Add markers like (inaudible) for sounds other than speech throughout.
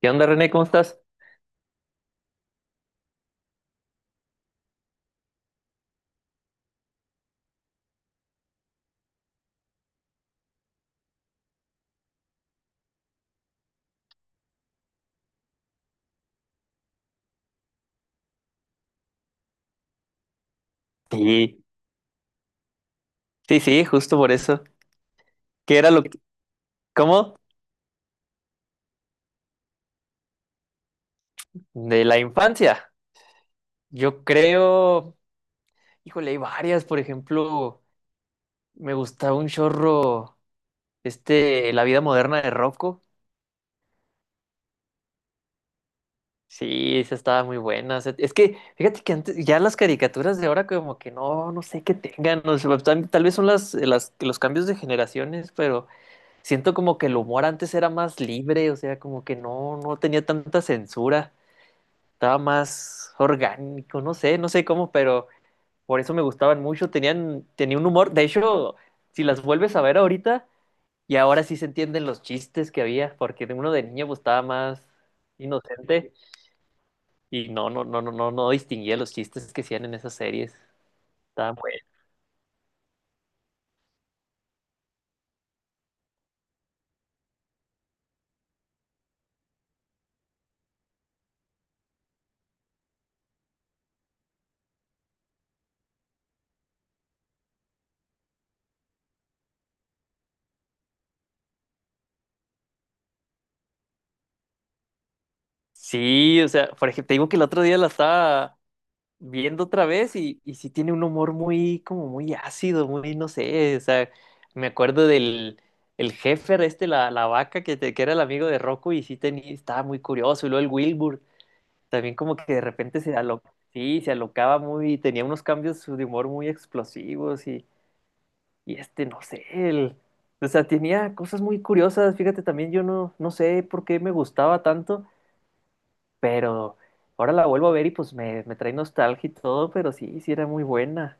¿Qué onda, René? ¿Cómo estás? Sí, sí, justo por eso. ¿Qué era lo que... ¿Cómo? De la infancia. Yo creo... Híjole, hay varias. Por ejemplo, me gustaba un chorro, La vida moderna de Rocco. Sí, esa estaba muy buena. O sea, es que, fíjate que antes, ya las caricaturas de ahora como que no sé qué tengan. O sea, tal vez son los cambios de generaciones, pero siento como que el humor antes era más libre, o sea, como que no tenía tanta censura. Estaba más orgánico, no sé cómo, pero por eso me gustaban mucho, tenía un humor, de hecho, si las vuelves a ver ahorita, y ahora sí se entienden los chistes que había, porque de uno de niño pues, estaba más inocente y no distinguía los chistes que hacían en esas series. Estaban buenos. Sí, o sea, por ejemplo, te digo que el otro día la estaba viendo otra vez y sí tiene un humor muy, como muy ácido, muy, no sé, o sea, me acuerdo del el Heifer, la vaca que era el amigo de Rocco y sí tenía, estaba muy curioso, y luego el Wilbur, también como que de repente sí, se alocaba muy, tenía unos cambios de humor muy explosivos y este, no sé, o sea, tenía cosas muy curiosas, fíjate, también yo no sé por qué me gustaba tanto, pero ahora la vuelvo a ver y pues me trae nostalgia y todo, pero sí, sí era muy buena.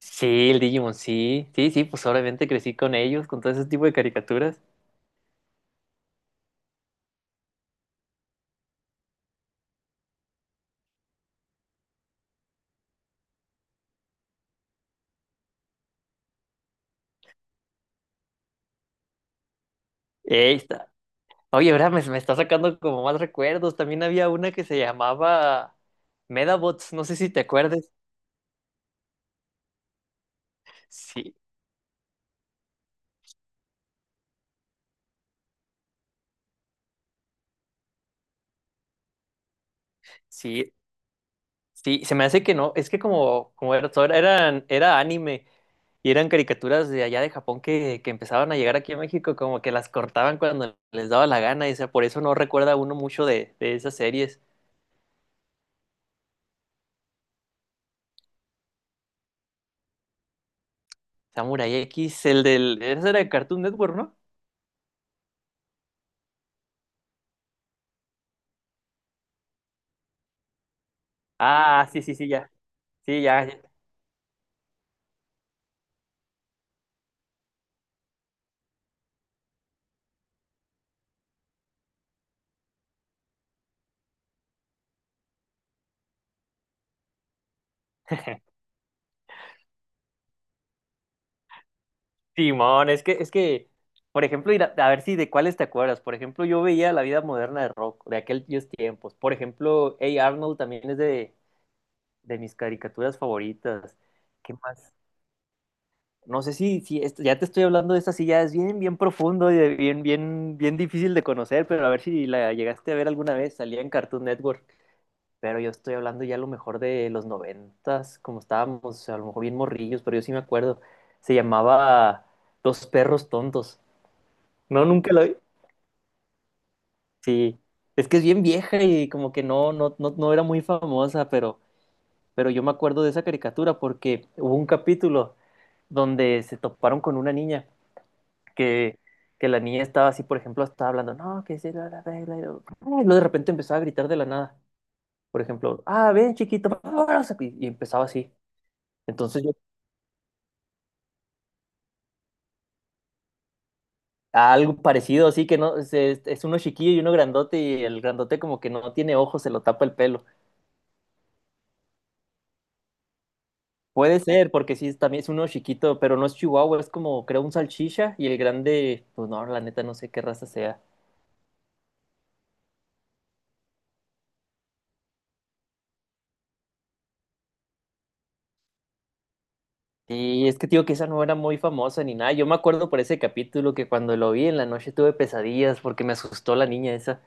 Sí, el Digimon, sí, sí, sí, pues obviamente crecí con ellos, con todo ese tipo de caricaturas. Ahí está. Oye, ahora me está sacando como más recuerdos. También había una que se llamaba Medabots, no sé si te acuerdas. Sí, sí. Sí, se me hace que no, es que como, como era, era anime y eran caricaturas de allá de Japón que empezaban a llegar aquí a México, como que las cortaban cuando les daba la gana, y o sea, por eso no recuerda uno mucho de esas series. Samurai X, el del, ese era de Cartoon Network, ¿no? Ah, sí, sí, sí, ya, sí, ya, ya. (laughs) Simón, por ejemplo, ir a ver si de cuáles te acuerdas. Por ejemplo, yo veía La vida moderna de Rock, de aquellos tiempos. Por ejemplo, Hey Arnold también es de mis caricaturas favoritas. ¿Qué más? No sé si ya te estoy hablando de esta, sí, ya es bien, bien profundo y bien, bien, bien difícil de conocer, pero a ver si la llegaste a ver alguna vez, salía en Cartoon Network. Pero yo estoy hablando ya a lo mejor de los noventas, como estábamos, a lo mejor bien morrillos, pero yo sí me acuerdo. Se llamaba Los perros tontos. No, nunca lo vi. Sí. Es que es bien vieja y como que no era muy famosa, pero yo me acuerdo de esa caricatura porque hubo un capítulo donde se toparon con una niña que, que la niña estaba así, por ejemplo, estaba hablando, no, que sí, la regla, y luego ay, luego de repente empezaba a gritar de la nada, por ejemplo, ah, ven chiquito, vámonos", y empezaba así. Entonces yo, algo parecido, así que no, se- es uno chiquillo y uno grandote, y el grandote como que no tiene ojos, se lo tapa el pelo. Puede ser, porque también es uno chiquito, pero no es chihuahua, es como, creo, un salchicha, y el grande, pues no, la neta no sé qué raza sea. Sí, es que te digo que esa no era muy famosa ni nada. Yo me acuerdo por ese capítulo que cuando lo vi en la noche tuve pesadillas porque me asustó la niña esa.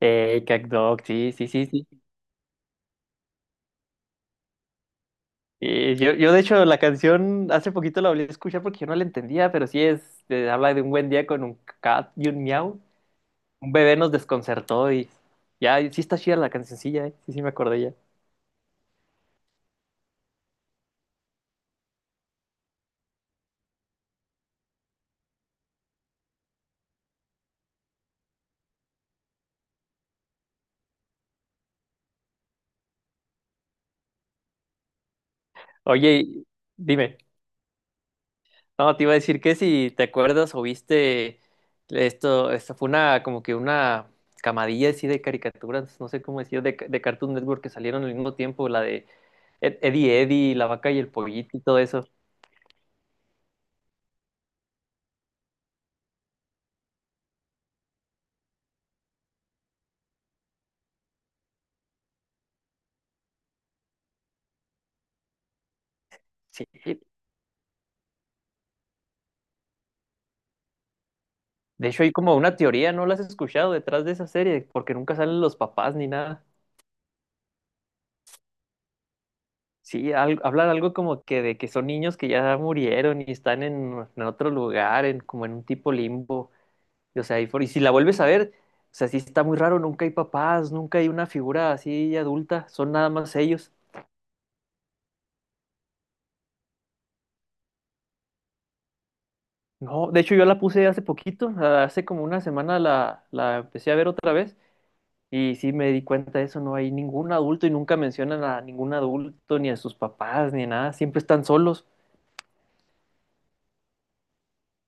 Cat dog sí, sí, sí, sí. Y yo de hecho la canción hace poquito la volví a escuchar porque yo no la entendía, pero sí es, habla de un buen día con un cat y un miau. Un bebé nos desconcertó y ya, y sí está chida la cancioncilla, eh. Sí, sí me acordé ya. Oye, y- dime. No, te iba a decir que si te acuerdas o viste esto fue una como que una camadilla así de caricaturas, no sé cómo decir, de Cartoon Network que salieron al mismo tiempo, la de Eddie Eddie, La Vaca y el Pollito y todo eso. Sí, de hecho hay como una teoría, ¿no la has escuchado detrás de esa serie? Porque nunca salen los papás ni nada. Sí, hablan algo como que de que son niños que ya murieron y están en otro lugar, en, como en un tipo limbo. Y si la vuelves a ver, o sea, sí está muy raro, nunca hay papás, nunca hay una figura así adulta, son nada más ellos. No, de hecho yo la puse hace poquito, hace como una semana la empecé a ver otra vez y sí me di cuenta de eso, no hay ningún adulto y nunca mencionan a ningún adulto, ni a sus papás, ni nada, siempre están solos.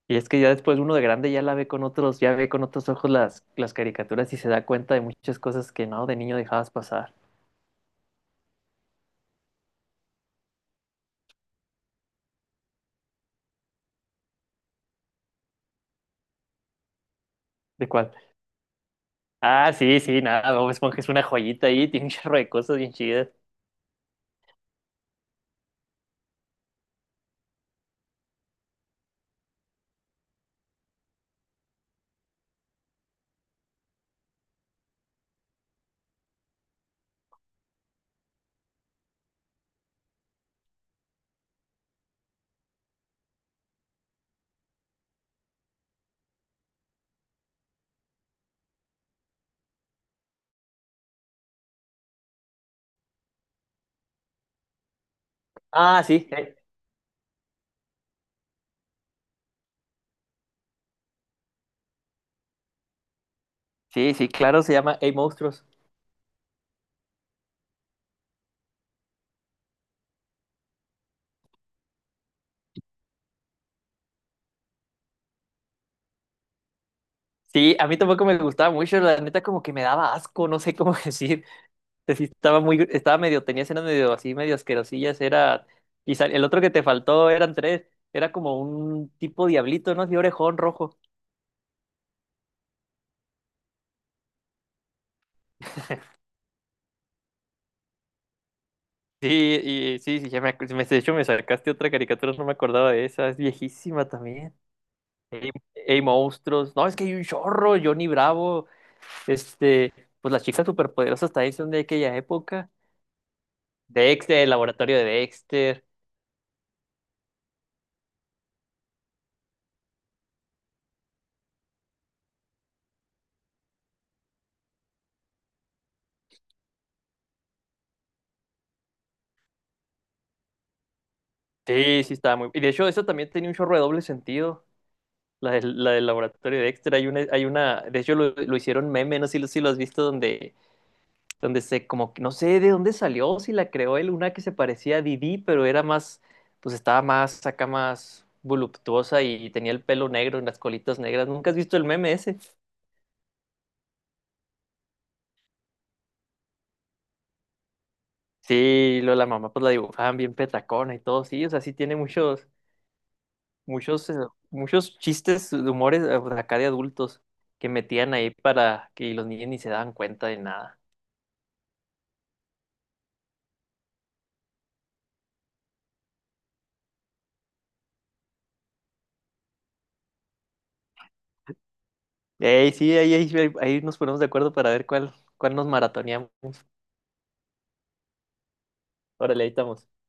Y es que ya después uno de grande ya la ve con otros, ya ve con otros ojos las caricaturas y se da cuenta de muchas cosas que no, de niño dejabas pasar. ¿De cuál? Ah, sí, sí, nada, Bob Esponja es una joyita ahí, (laughs) tiene un chorro de cosas bien chidas. Ah, sí, sí, sí, claro, se llama Hey Monstruos. Sí, a mí tampoco me gustaba mucho, la neta como que me daba asco, no sé cómo (laughs) decir. Sí, estaba muy, estaba medio, tenía escenas medio así, medio asquerosillas, era... Y el otro que te faltó eran tres, era como un tipo diablito, ¿no? Así orejón rojo. Sí, de hecho me sacaste otra caricatura, no me acordaba de esa, es viejísima también. Ey, Ey, monstruos. No, es que hay un chorro, Johnny Bravo. Este, pues las chicas superpoderosas también son de aquella época. Dexter, el laboratorio de Dexter. Sí, sí, estaba muy. Y de hecho, eso también tenía un chorro de doble sentido. La del laboratorio de Dexter. Hay una. De hecho, lo hicieron meme, no sé si lo has visto, donde, donde se, como que no sé de dónde salió, si la creó él, una que se parecía a Didi, pero era más, pues estaba más, acá más voluptuosa y tenía el pelo negro y las colitas negras. ¿Nunca has visto el meme ese? Sí, lo de la mamá pues la dibujaban bien petacona y todo, sí, o sea, sí tiene muchos, eh, muchos chistes, de humores pues, acá de adultos que metían ahí para que los niños ni se daban cuenta de nada. Ey, sí, ahí nos ponemos de acuerdo para ver cuál nos maratoneamos. Órale, ahí estamos.